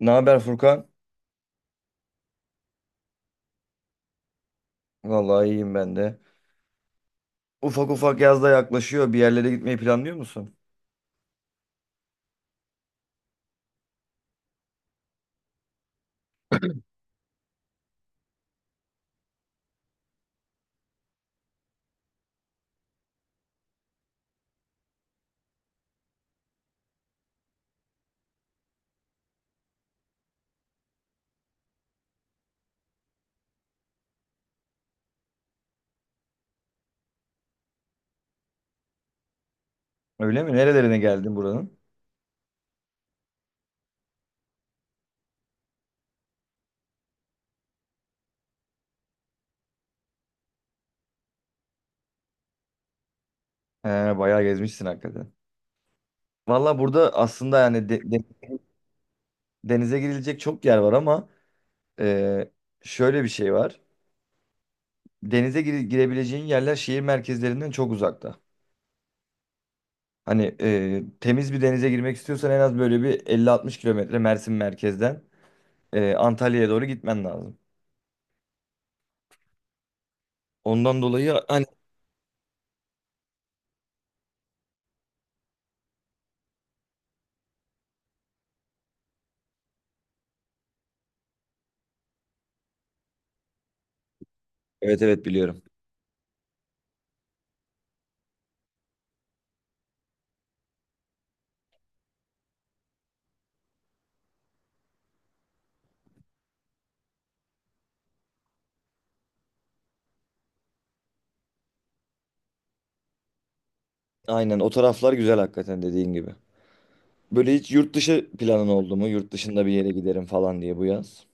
Ne haber Furkan? Vallahi iyiyim ben de. Ufak ufak yaz da yaklaşıyor. Bir yerlere gitmeyi planlıyor musun? Öyle mi? Nerelerine geldin buranın? He, bayağı gezmişsin hakikaten. Vallahi burada aslında yani denize girilecek çok yer var ama e, şöyle bir şey var. Denize girebileceğin yerler şehir merkezlerinden çok uzakta. Hani temiz bir denize girmek istiyorsan en az böyle bir 50-60 kilometre Mersin merkezden Antalya'ya doğru gitmen lazım. Ondan dolayı hani evet, evet, biliyorum. Aynen, o taraflar güzel hakikaten dediğin gibi. Böyle hiç yurt dışı planın oldu mu? Yurt dışında bir yere giderim falan diye bu yaz.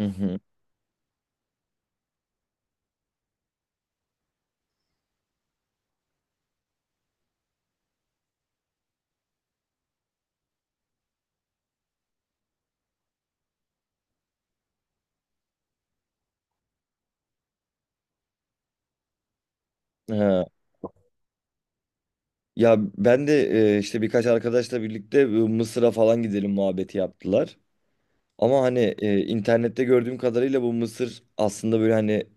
Hı hı. Ha. Ya ben de işte birkaç arkadaşla birlikte Mısır'a falan gidelim muhabbeti yaptılar. Ama hani internette gördüğüm kadarıyla bu Mısır aslında böyle hani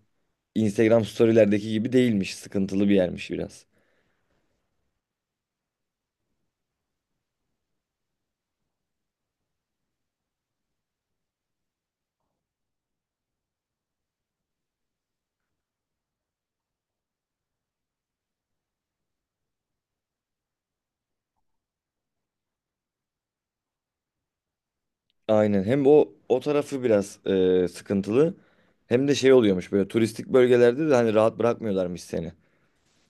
Instagram storylerdeki gibi değilmiş. Sıkıntılı bir yermiş biraz. Aynen, hem o tarafı biraz sıkıntılı hem de şey oluyormuş böyle turistik bölgelerde de hani rahat bırakmıyorlarmış seni.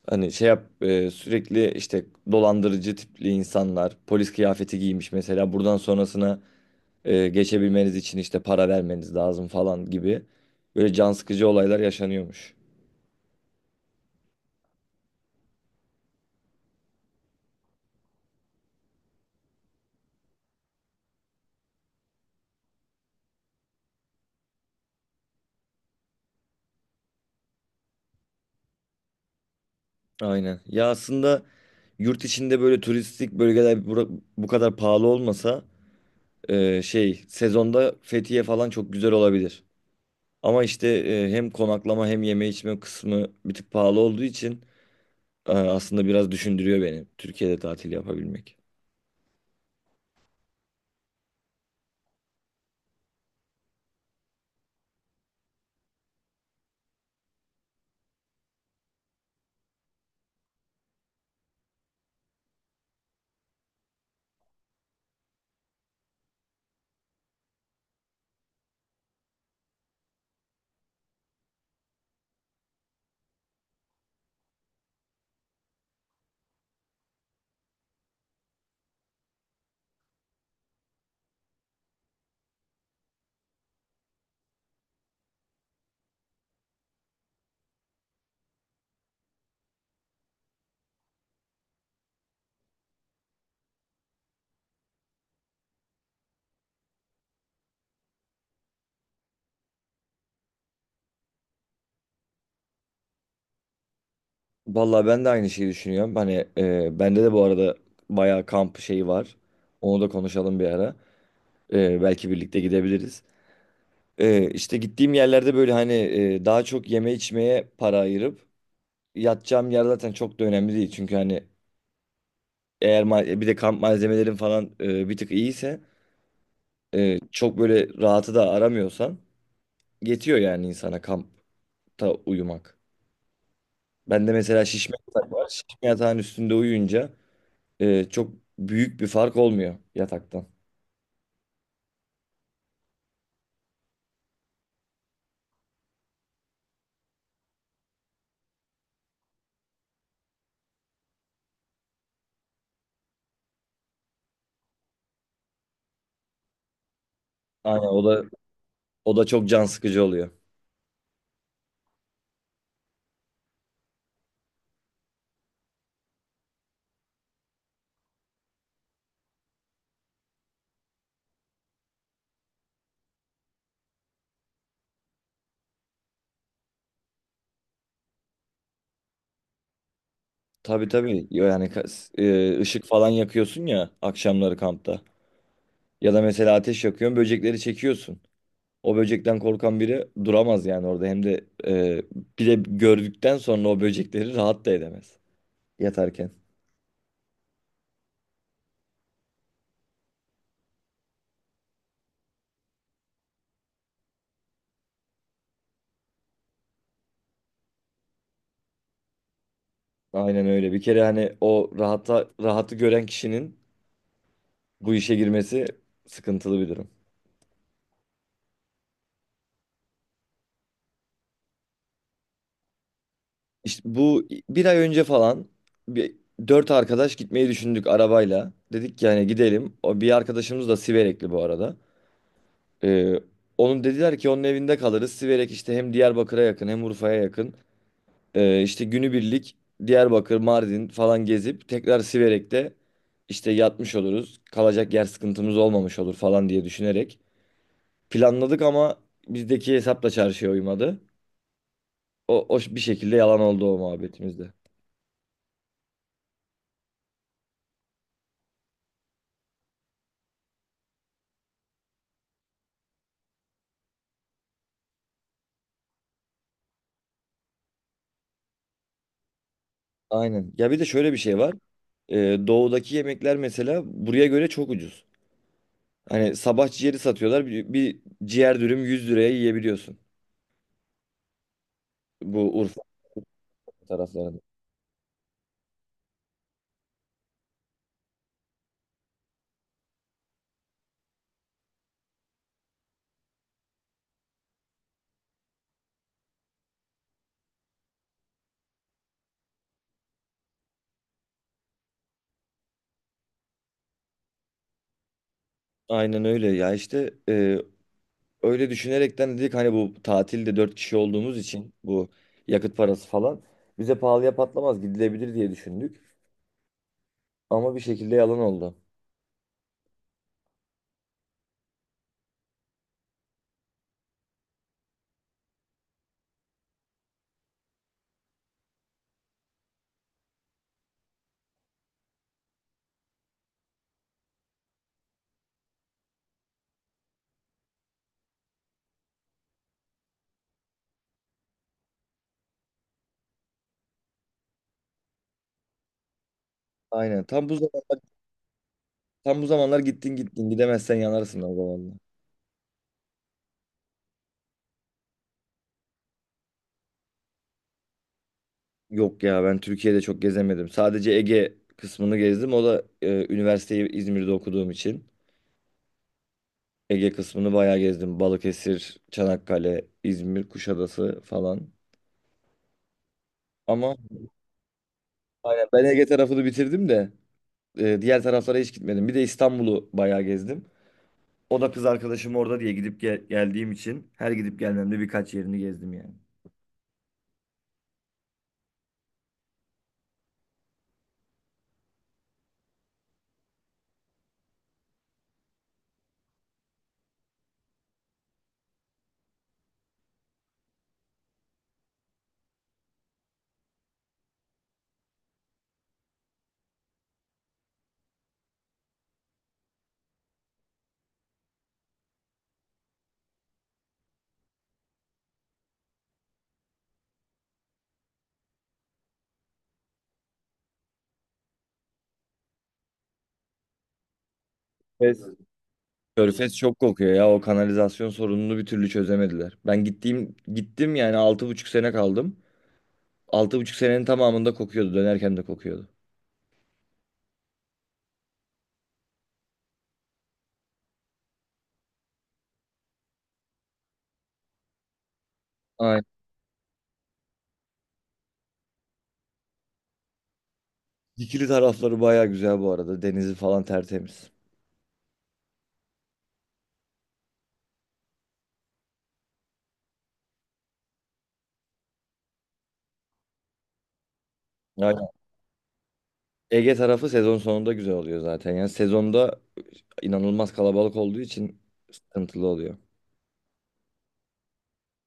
Hani şey yap sürekli işte dolandırıcı tipli insanlar polis kıyafeti giymiş mesela buradan sonrasına geçebilmeniz için işte para vermeniz lazım falan gibi böyle can sıkıcı olaylar yaşanıyormuş. Aynen. Ya aslında yurt içinde böyle turistik bölgeler bu kadar pahalı olmasa şey sezonda Fethiye falan çok güzel olabilir. Ama işte hem konaklama hem yeme içme kısmı bir tık pahalı olduğu için aslında biraz düşündürüyor beni Türkiye'de tatil yapabilmek. Vallahi ben de aynı şeyi düşünüyorum. Hani bende de bu arada bayağı kamp şeyi var. Onu da konuşalım bir ara. Belki birlikte gidebiliriz. İşte gittiğim yerlerde böyle hani daha çok yeme içmeye para ayırıp yatacağım yer zaten çok da önemli değil. Çünkü hani eğer bir de kamp malzemelerin falan bir tık iyiyse çok böyle rahatı da aramıyorsan yetiyor yani insana kampta uyumak. Ben de mesela şişme yatak var. Şişme yatağın üstünde uyuyunca çok büyük bir fark olmuyor yataktan. Aynen, o da çok can sıkıcı oluyor. Tabii, tabii. Yo, yani ışık falan yakıyorsun ya akşamları kampta. Ya da mesela ateş yakıyorsun, böcekleri çekiyorsun. O böcekten korkan biri duramaz yani orada. Hem de bir de gördükten sonra o böcekleri rahat da edemez yatarken. Aynen öyle. Bir kere hani o rahatı gören kişinin bu işe girmesi sıkıntılı bir durum. İşte bu bir ay önce falan bir dört arkadaş gitmeyi düşündük arabayla. Dedik ki hani gidelim. O bir arkadaşımız da Siverekli bu arada. Ee, Onun dediler ki onun evinde kalırız. Siverek işte hem Diyarbakır'a yakın hem Urfa'ya yakın. İşte günübirlik Diyarbakır, Mardin falan gezip tekrar Siverek'te işte yatmış oluruz. Kalacak yer sıkıntımız olmamış olur falan diye düşünerek planladık ama bizdeki hesapla çarşıya uymadı. O bir şekilde yalan oldu o muhabbetimizde. Aynen. Ya bir de şöyle bir şey var. Ee, Doğudaki yemekler mesela buraya göre çok ucuz. Hani sabah ciğeri satıyorlar. Bir ciğer dürüm 100 liraya yiyebiliyorsun. Bu Urfa taraflarında. Aynen öyle ya, işte öyle düşünerekten dedik hani bu tatilde 4 kişi olduğumuz için bu yakıt parası falan bize pahalıya patlamaz, gidilebilir diye düşündük. Ama bir şekilde yalan oldu. Aynen tam bu zamanlar, tam bu zamanlar, gittin gidemezsen yanarsın o zamanlar. Yok ya, ben Türkiye'de çok gezemedim. Sadece Ege kısmını gezdim. O da üniversiteyi İzmir'de okuduğum için. Ege kısmını bayağı gezdim. Balıkesir, Çanakkale, İzmir, Kuşadası falan. Ama aynen, ben Ege tarafını bitirdim de diğer taraflara hiç gitmedim. Bir de İstanbul'u bayağı gezdim. O da kız arkadaşım orada diye gidip geldiğim için her gidip gelmemde birkaç yerini gezdim yani. Körfez, Körfez çok kokuyor ya. O kanalizasyon sorununu bir türlü çözemediler. Ben gittim yani 6,5 sene kaldım. 6,5 senenin tamamında kokuyordu. Dönerken de kokuyordu. Aynen. Dikili tarafları baya güzel bu arada. Denizi falan tertemiz. Yani Ege tarafı sezon sonunda güzel oluyor zaten. Yani sezonda inanılmaz kalabalık olduğu için sıkıntılı oluyor.